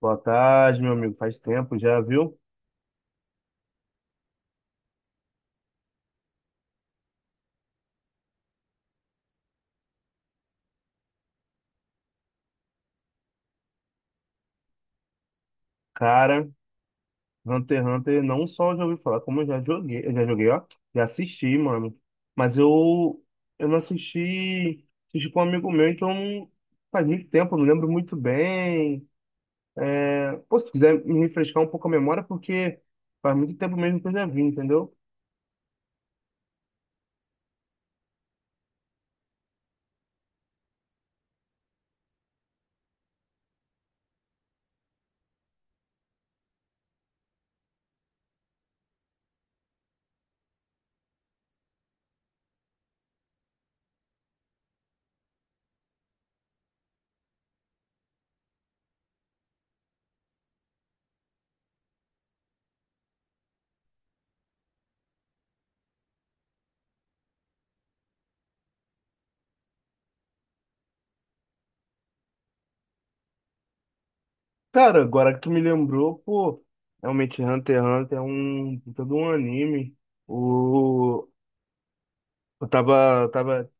Boa tarde, meu amigo. Faz tempo já, viu? Cara, Hunter x Hunter não só já ouvi falar, como eu já joguei, ó, já assisti, mano. Mas eu não assisti, assisti com um amigo meu, então faz muito tempo, não lembro muito bem. Pô, se quiser me refrescar um pouco a memória, porque faz muito tempo mesmo que eu já vi, entendeu? Cara, agora que tu me lembrou, pô, realmente Hunter x Hunter é um todo um anime. O Eu tava.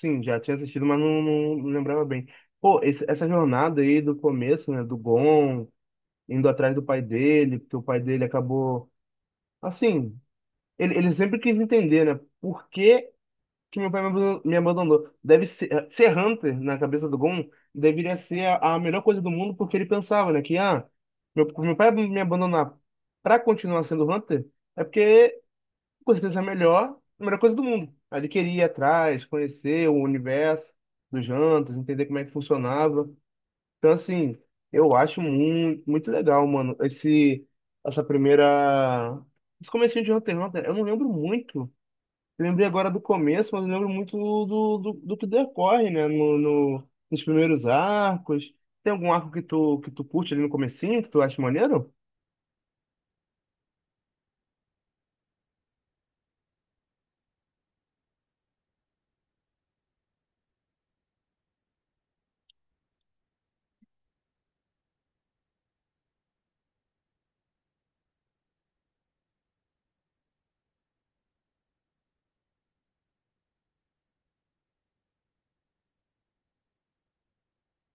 Sim, já tinha assistido, mas não lembrava bem. Pô, essa jornada aí do começo, né, do Gon, indo atrás do pai dele, porque o pai dele acabou. Assim, ele sempre quis entender, né, por que que meu pai me abandon- me abandonou. Deve ser Hunter na cabeça do Gon deveria ser a melhor coisa do mundo, porque ele pensava, né, que, ah, meu pai me abandonar pra continuar sendo Hunter é porque com certeza a melhor coisa do mundo. Aí queria ir atrás, conhecer o universo dos jantos, entender como é que funcionava. Então, assim, eu acho muito, muito legal, mano, essa primeira. Esse comecinho de Hunter x Hunter, eu não lembro muito. Eu lembrei agora do começo, mas eu lembro muito do que decorre, né, nos primeiros arcos. Tem algum arco que tu curte ali no comecinho, que tu acha maneiro?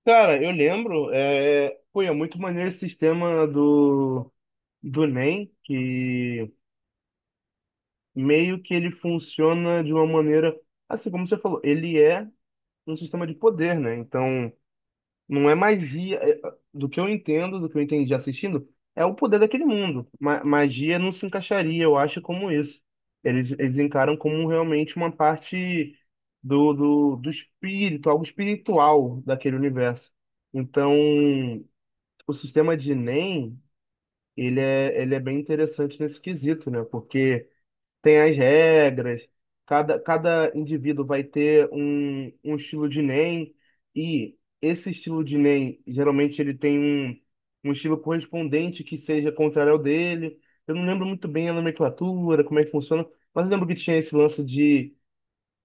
Cara, eu lembro, é, pô, é muito maneiro esse sistema do Enem, que meio que ele funciona de uma maneira, assim como você falou, ele é um sistema de poder, né? Então, não é magia, do que eu entendo, do que eu entendi assistindo, é o poder daquele mundo. Magia não se encaixaria, eu acho, como isso. Eles encaram como realmente uma parte do espírito, algo espiritual daquele universo. Então, o sistema de Enem, ele é bem interessante nesse quesito, né? Porque tem as regras, cada indivíduo vai ter um, um, estilo de NEM, e esse estilo de NEM, geralmente ele tem um estilo correspondente que seja contrário ao dele. Eu não lembro muito bem a nomenclatura, como é que funciona, mas eu lembro que tinha esse lance de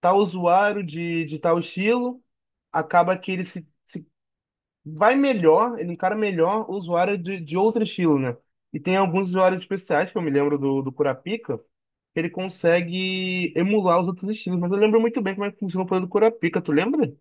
tal usuário de tal estilo, acaba que ele se vai melhor, ele encara melhor o usuário de outro estilo, né? E tem alguns usuários especiais, que eu me lembro do Kurapika, que ele consegue emular os outros estilos, mas eu lembro muito bem como é que funciona o poder do Kurapika, tu lembra?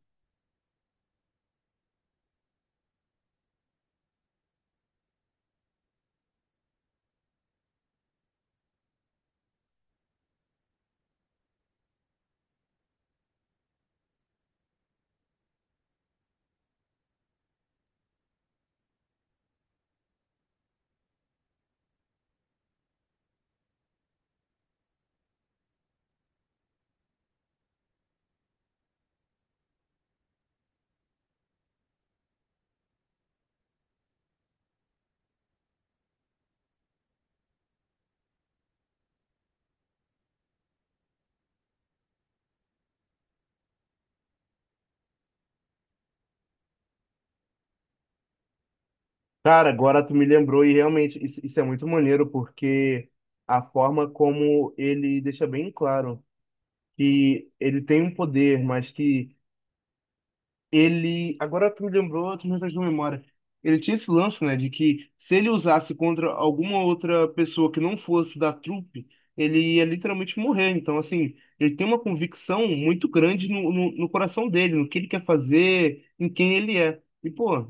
Cara, agora tu me lembrou e realmente isso é muito maneiro, porque a forma como ele deixa bem claro que ele tem um poder, mas que ele. Agora tu me lembrou, tu me fez de memória. Ele tinha esse lance, né, de que se ele usasse contra alguma outra pessoa que não fosse da trupe, ele ia literalmente morrer. Então, assim, ele tem uma convicção muito grande no coração dele, no que ele quer fazer, em quem ele é. E, pô,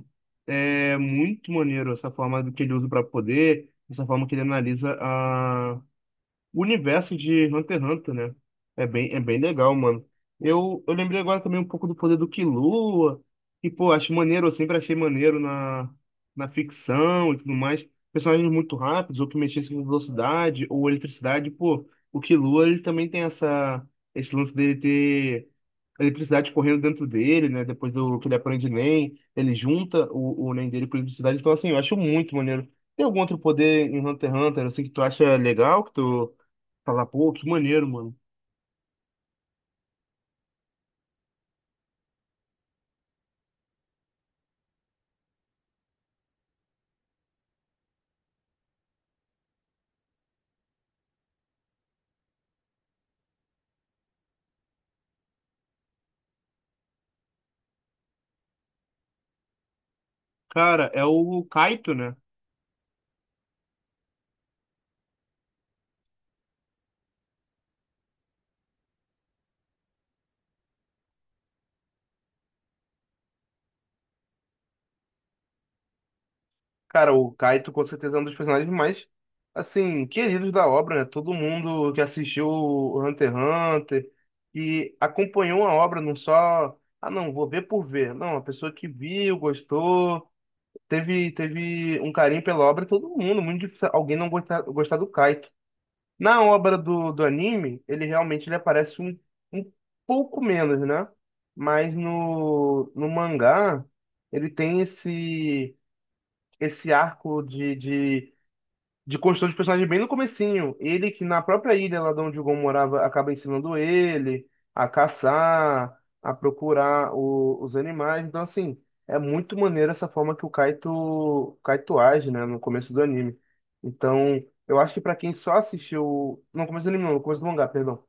é muito maneiro essa forma do que ele usa para poder, essa forma que ele analisa o universo de Hunter x Hunter, né? É bem legal, mano. Eu lembrei agora também um pouco do poder do Killua, que, pô, acho maneiro, eu sempre achei maneiro na ficção e tudo mais. Personagens muito rápidos, ou que mexessem com velocidade, ou eletricidade, pô. O Killua, ele também tem esse lance dele ter eletricidade correndo dentro dele, né? Depois do que ele aprende Nen, ele junta o Nen dele com eletricidade. Então, assim, eu acho muito maneiro. Tem algum outro poder em Hunter x Hunter, assim, que tu acha legal, que tu falar, pô, que maneiro, mano. Cara, é o Kaito, né? Cara, o Kaito com certeza é um dos personagens mais, assim, queridos da obra, né? Todo mundo que assistiu o Hunter x Hunter e acompanhou a obra, não só, ah, não, vou ver por ver. Não, a pessoa que viu, gostou, teve um carinho pela obra, todo mundo, muito difícil alguém não gostar, gostar do Kaito. Na obra do anime, ele realmente ele aparece um, pouco menos, né? Mas no mangá, ele tem esse arco de construção de personagem bem no comecinho. Ele que na própria ilha lá de onde o Gon morava acaba ensinando ele a caçar, a procurar os animais. Então, assim, é muito maneiro essa forma que o Kaito age, né, no começo do anime. Então, eu acho que pra quem só assistiu. Não, no começo do anime, não, no começo do mangá, perdão.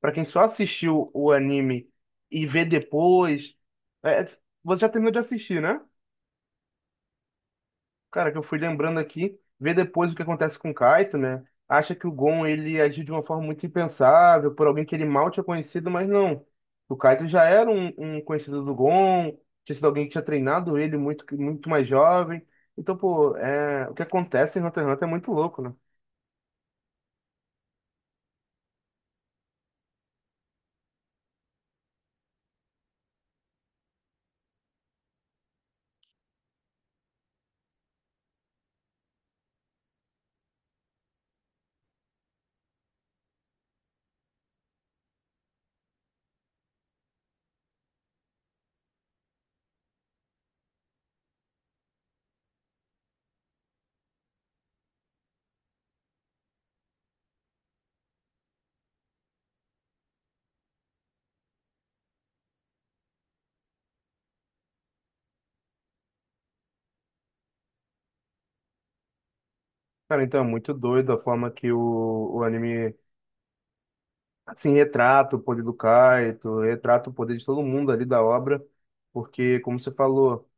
Pra quem só assistiu o anime e vê depois. é, Você já terminou de assistir, né? Cara, que eu fui lembrando aqui, ver depois o que acontece com o Kaito, né? Acha que o Gon ele agiu de uma forma muito impensável, por alguém que ele mal tinha conhecido, mas não. O Kaito já era um, conhecido do Gon, tinha sido alguém que tinha treinado ele muito, muito mais jovem. Então, pô, é, o que acontece em Hunter x Hunter é muito louco, né? Cara, então é muito doido a forma que o anime, assim, retrata o poder do Kaito, retrata o poder de todo mundo ali da obra, porque, como você falou,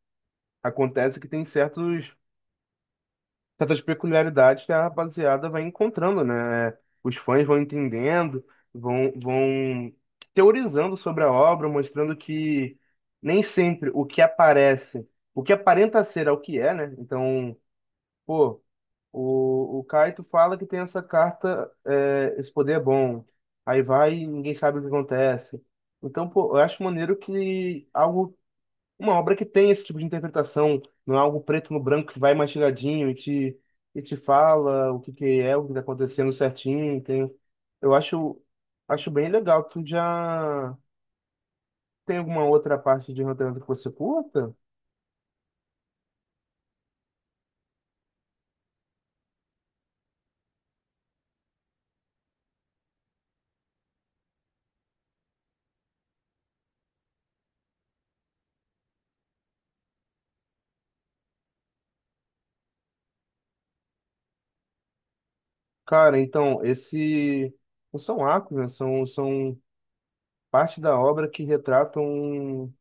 acontece que tem certos certas peculiaridades que a rapaziada vai encontrando, né? É, os fãs vão entendendo, vão teorizando sobre a obra, mostrando que nem sempre o que aparece, o que aparenta ser é o que é, né? Então, pô, o Kaito fala que tem essa carta, esse poder é bom. Aí vai e ninguém sabe o que acontece. Então, pô, eu acho maneiro que algo uma obra que tem esse tipo de interpretação, não é algo preto no branco que vai mastigadinho e te fala o que que é, o que está acontecendo certinho. Tem, eu acho bem legal. Tu já tem alguma outra parte de Hunter x Hunter que você curta? Cara, então, esse não são arcos, né? São parte da obra que retratam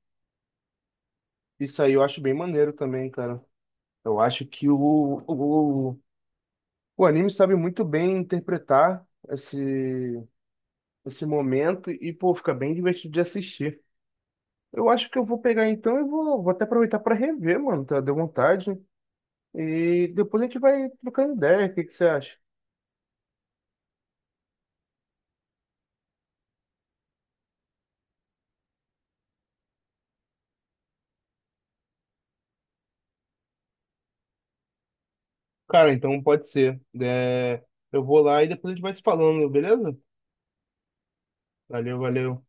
isso aí, eu acho bem maneiro também, cara. Eu acho que o anime sabe muito bem interpretar esse momento e, pô, fica bem divertido de assistir. Eu acho que eu vou pegar então e vou até aproveitar para rever, mano, tá? Deu vontade. E depois a gente vai trocando ideia, o que que você acha? Cara, então pode ser. É, eu vou lá e depois a gente vai se falando, beleza? Valeu, valeu.